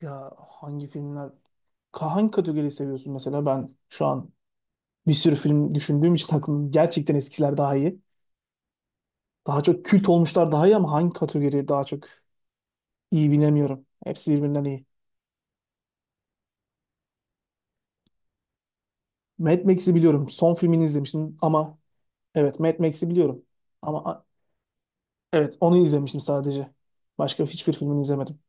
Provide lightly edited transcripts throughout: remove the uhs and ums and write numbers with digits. Ya hangi filmler? Hangi kategoriyi seviyorsun mesela? Ben şu an bir sürü film düşündüğüm için aklım gerçekten eskiler daha iyi. Daha çok kült olmuşlar daha iyi ama hangi kategori daha çok iyi bilemiyorum. Hepsi birbirinden iyi. Mad Max'i biliyorum. Son filmini izlemiştim ama evet Mad Max'i biliyorum. Ama evet, onu izlemiştim sadece. Başka hiçbir filmini izlemedim.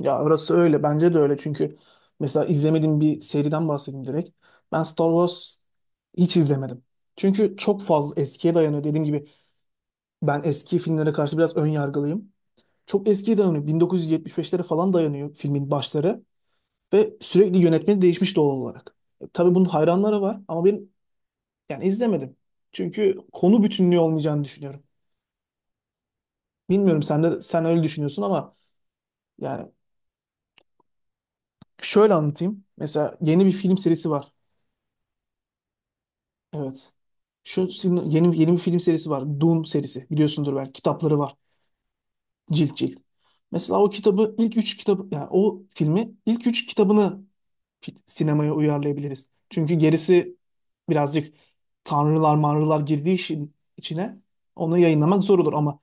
Ya orası öyle. Bence de öyle. Çünkü mesela izlemediğim bir seriden bahsedeyim direkt. Ben Star Wars hiç izlemedim. Çünkü çok fazla eskiye dayanıyor. Dediğim gibi ben eski filmlere karşı biraz ön yargılıyım. Çok eskiye dayanıyor. 1975'lere falan dayanıyor filmin başları. Ve sürekli yönetmeni değişmiş doğal olarak. Tabii bunun hayranları var ama ben yani izlemedim. Çünkü konu bütünlüğü olmayacağını düşünüyorum. Bilmiyorum sen öyle düşünüyorsun ama yani şöyle anlatayım. Mesela yeni bir film serisi var. Evet. Yeni yeni bir film serisi var. Dune serisi. Biliyorsundur belki. Kitapları var. Cilt cilt. Mesela o kitabı ilk üç kitabı yani o filmi ilk üç kitabını sinemaya uyarlayabiliriz. Çünkü gerisi birazcık tanrılar manrılar girdiği işin içine onu yayınlamak zor olur ama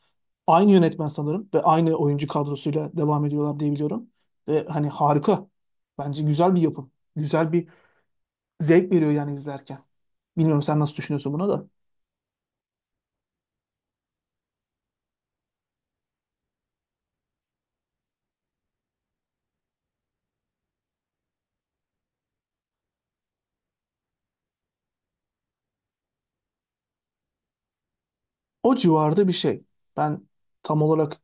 aynı yönetmen sanırım ve aynı oyuncu kadrosuyla devam ediyorlar diye biliyorum. Ve hani harika. Bence güzel bir yapım. Güzel bir zevk veriyor yani izlerken. Bilmiyorum sen nasıl düşünüyorsun buna da. O civarda bir şey. Ben tam olarak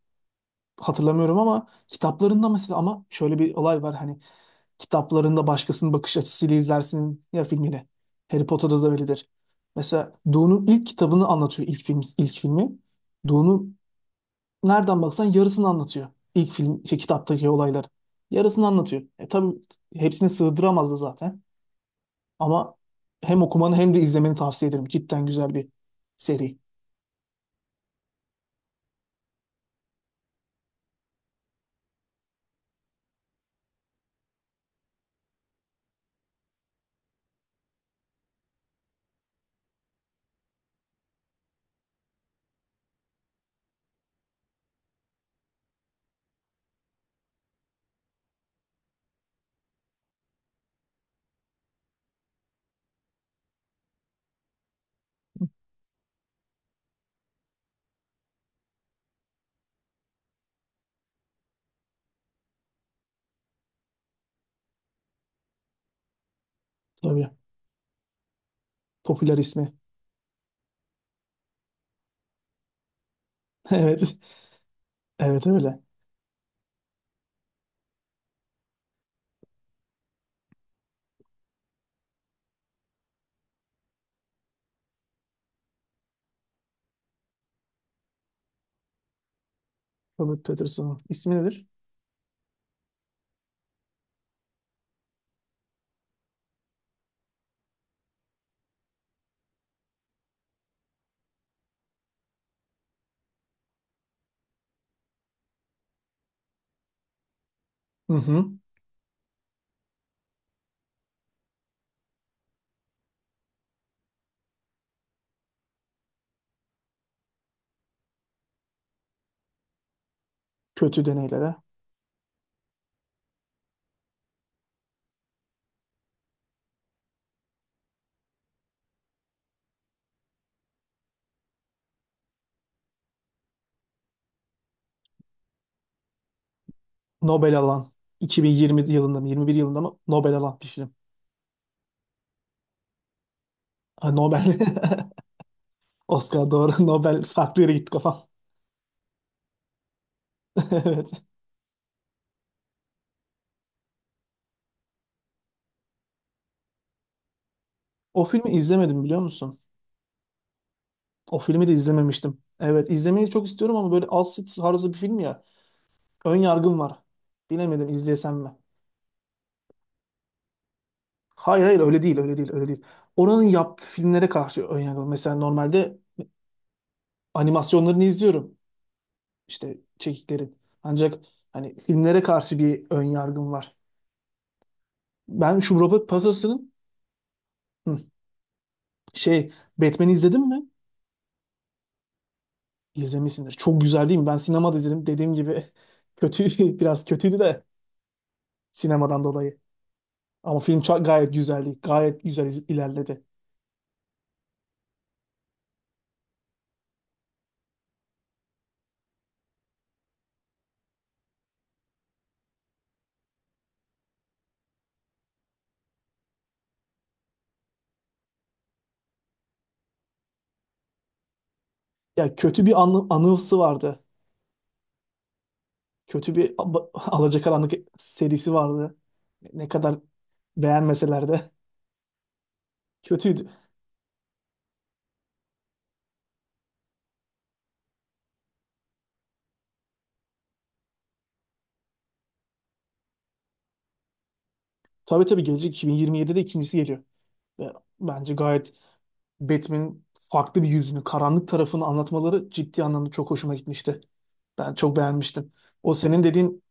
hatırlamıyorum ama kitaplarında mesela ama şöyle bir olay var hani kitaplarında başkasının bakış açısıyla izlersin ya filmini. Harry Potter'da da öyledir. Mesela Dune'un ilk kitabını anlatıyor ilk film ilk filmi. Dune'un nereden baksan yarısını anlatıyor. İlk film şey, kitaptaki olayların. Yarısını anlatıyor. E tabii hepsini sığdıramazdı zaten. Ama hem okumanı hem de izlemeni tavsiye ederim. Cidden güzel bir seri. Tabii. Popüler ismi. Evet. Evet öyle. Robert Pattinson'un ismi nedir? Hı hı. Kötü deneylere. Nobel alan 2020 yılında mı 21 yılında mı Nobel alan bir film. Ha, Nobel. Oscar doğru. Nobel farklı yere gitti kafam. Evet. O filmi izlemedim biliyor musun? O filmi de izlememiştim. Evet izlemeyi çok istiyorum ama böyle Alsit tarzı bir film ya. Ön yargım var. Bilemedim izlesem mi? Hayır, öyle değil. Oranın yaptığı filmlere karşı ön yargım. Mesela normalde animasyonlarını izliyorum. İşte çekiklerin. Ancak hani filmlere karşı bir ön yargım var. Ben şu Robert Pattinson'ın hı. Şey, Batman'i izledin mi? İzlemişsindir. Çok güzel değil mi? Ben sinemada izledim. Dediğim gibi kötü, biraz kötüydü de sinemadan dolayı. Ama film gayet güzeldi. Gayet güzel ilerledi. Ya kötü bir anısı vardı. Alacakaranlık serisi vardı. Ne kadar beğenmeseler de kötüydü. Tabii, gelecek 2027'de ikincisi geliyor. Ve bence gayet Batman'in farklı bir yüzünü, karanlık tarafını anlatmaları ciddi anlamda çok hoşuma gitmişti. Ben çok beğenmiştim. O senin dediğin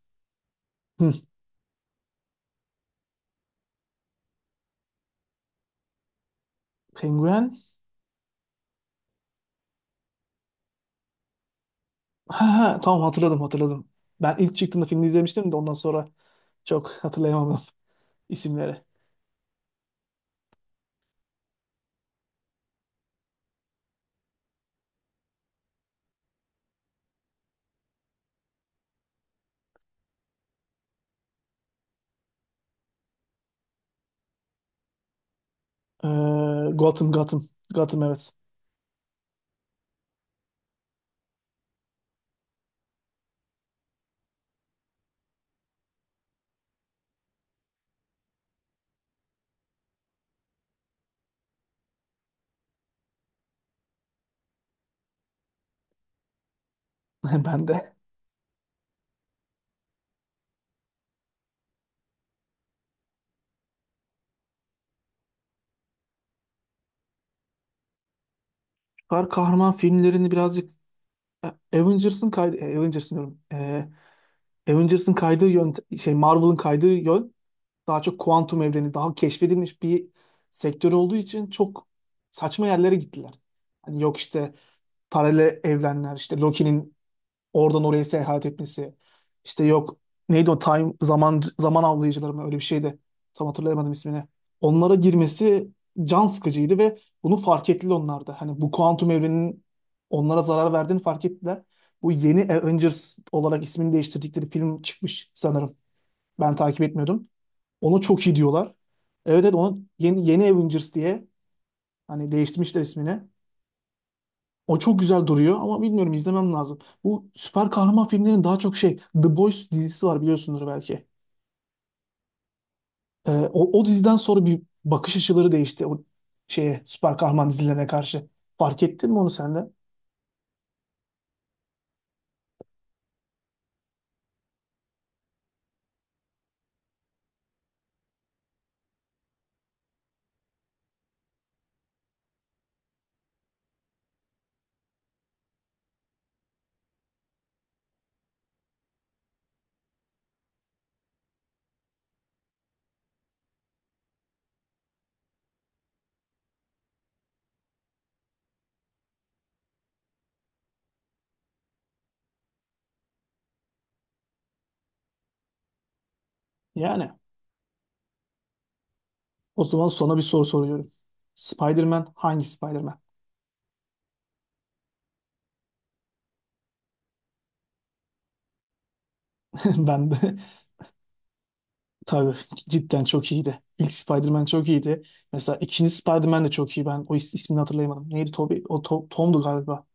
hı, penguen. Ha, tamam hatırladım. Ben ilk çıktığında filmi izlemiştim de ondan sonra çok hatırlayamadım isimleri. Ee, Gotham. Gotham evet. Ben de. Süper kahraman filmlerini birazcık e, Avengers'ın diyorum. Avengers'ın kaydığı yön şey Marvel'ın kaydığı yön daha çok kuantum evreni, daha keşfedilmiş bir sektör olduğu için çok saçma yerlere gittiler. Hani yok işte paralel evrenler, işte Loki'nin oradan oraya seyahat etmesi, işte yok neydi o time zaman zaman avlayıcıları mı öyle bir şeydi. Tam hatırlayamadım ismini. Onlara girmesi can sıkıcıydı ve bunu fark ettiler onlar da. Hani bu kuantum evrenin onlara zarar verdiğini fark ettiler. Bu yeni Avengers olarak ismini değiştirdikleri film çıkmış sanırım. Ben takip etmiyordum. Ona çok iyi diyorlar. Evet evet onu yeni Avengers diye hani değiştirmişler ismini. O çok güzel duruyor ama bilmiyorum izlemem lazım. Bu süper kahraman filmlerin daha çok şey The Boys dizisi var biliyorsunuz belki. O diziden sonra bir bakış açıları değişti o şeye süper kahraman dizilerine karşı. Fark ettin mi onu sen de? Yani o zaman sana bir soru soruyorum. Spider-Man hangi Spider-Man? Ben de tabii cidden çok iyiydi. İlk Spider-Man çok iyiydi. Mesela ikinci Spider-Man de çok iyi. Ben o ismini hatırlayamadım. Neydi Toby? O Tom'du galiba.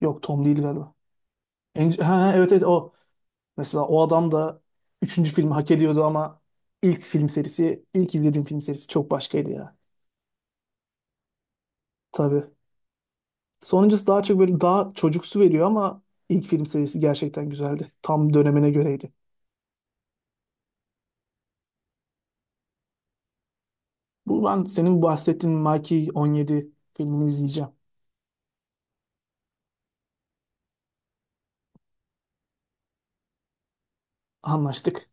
Yok Tom değil galiba. Evet evet o. Mesela o adam da üçüncü filmi hak ediyordu ama ilk film serisi, ilk izlediğim film serisi çok başkaydı ya. Tabii. Sonuncusu daha çok böyle daha çocuksu veriyor ama ilk film serisi gerçekten güzeldi. Tam dönemine göreydi. Bu ben senin bahsettiğin Mikey 17 filmini izleyeceğim. Anlaştık.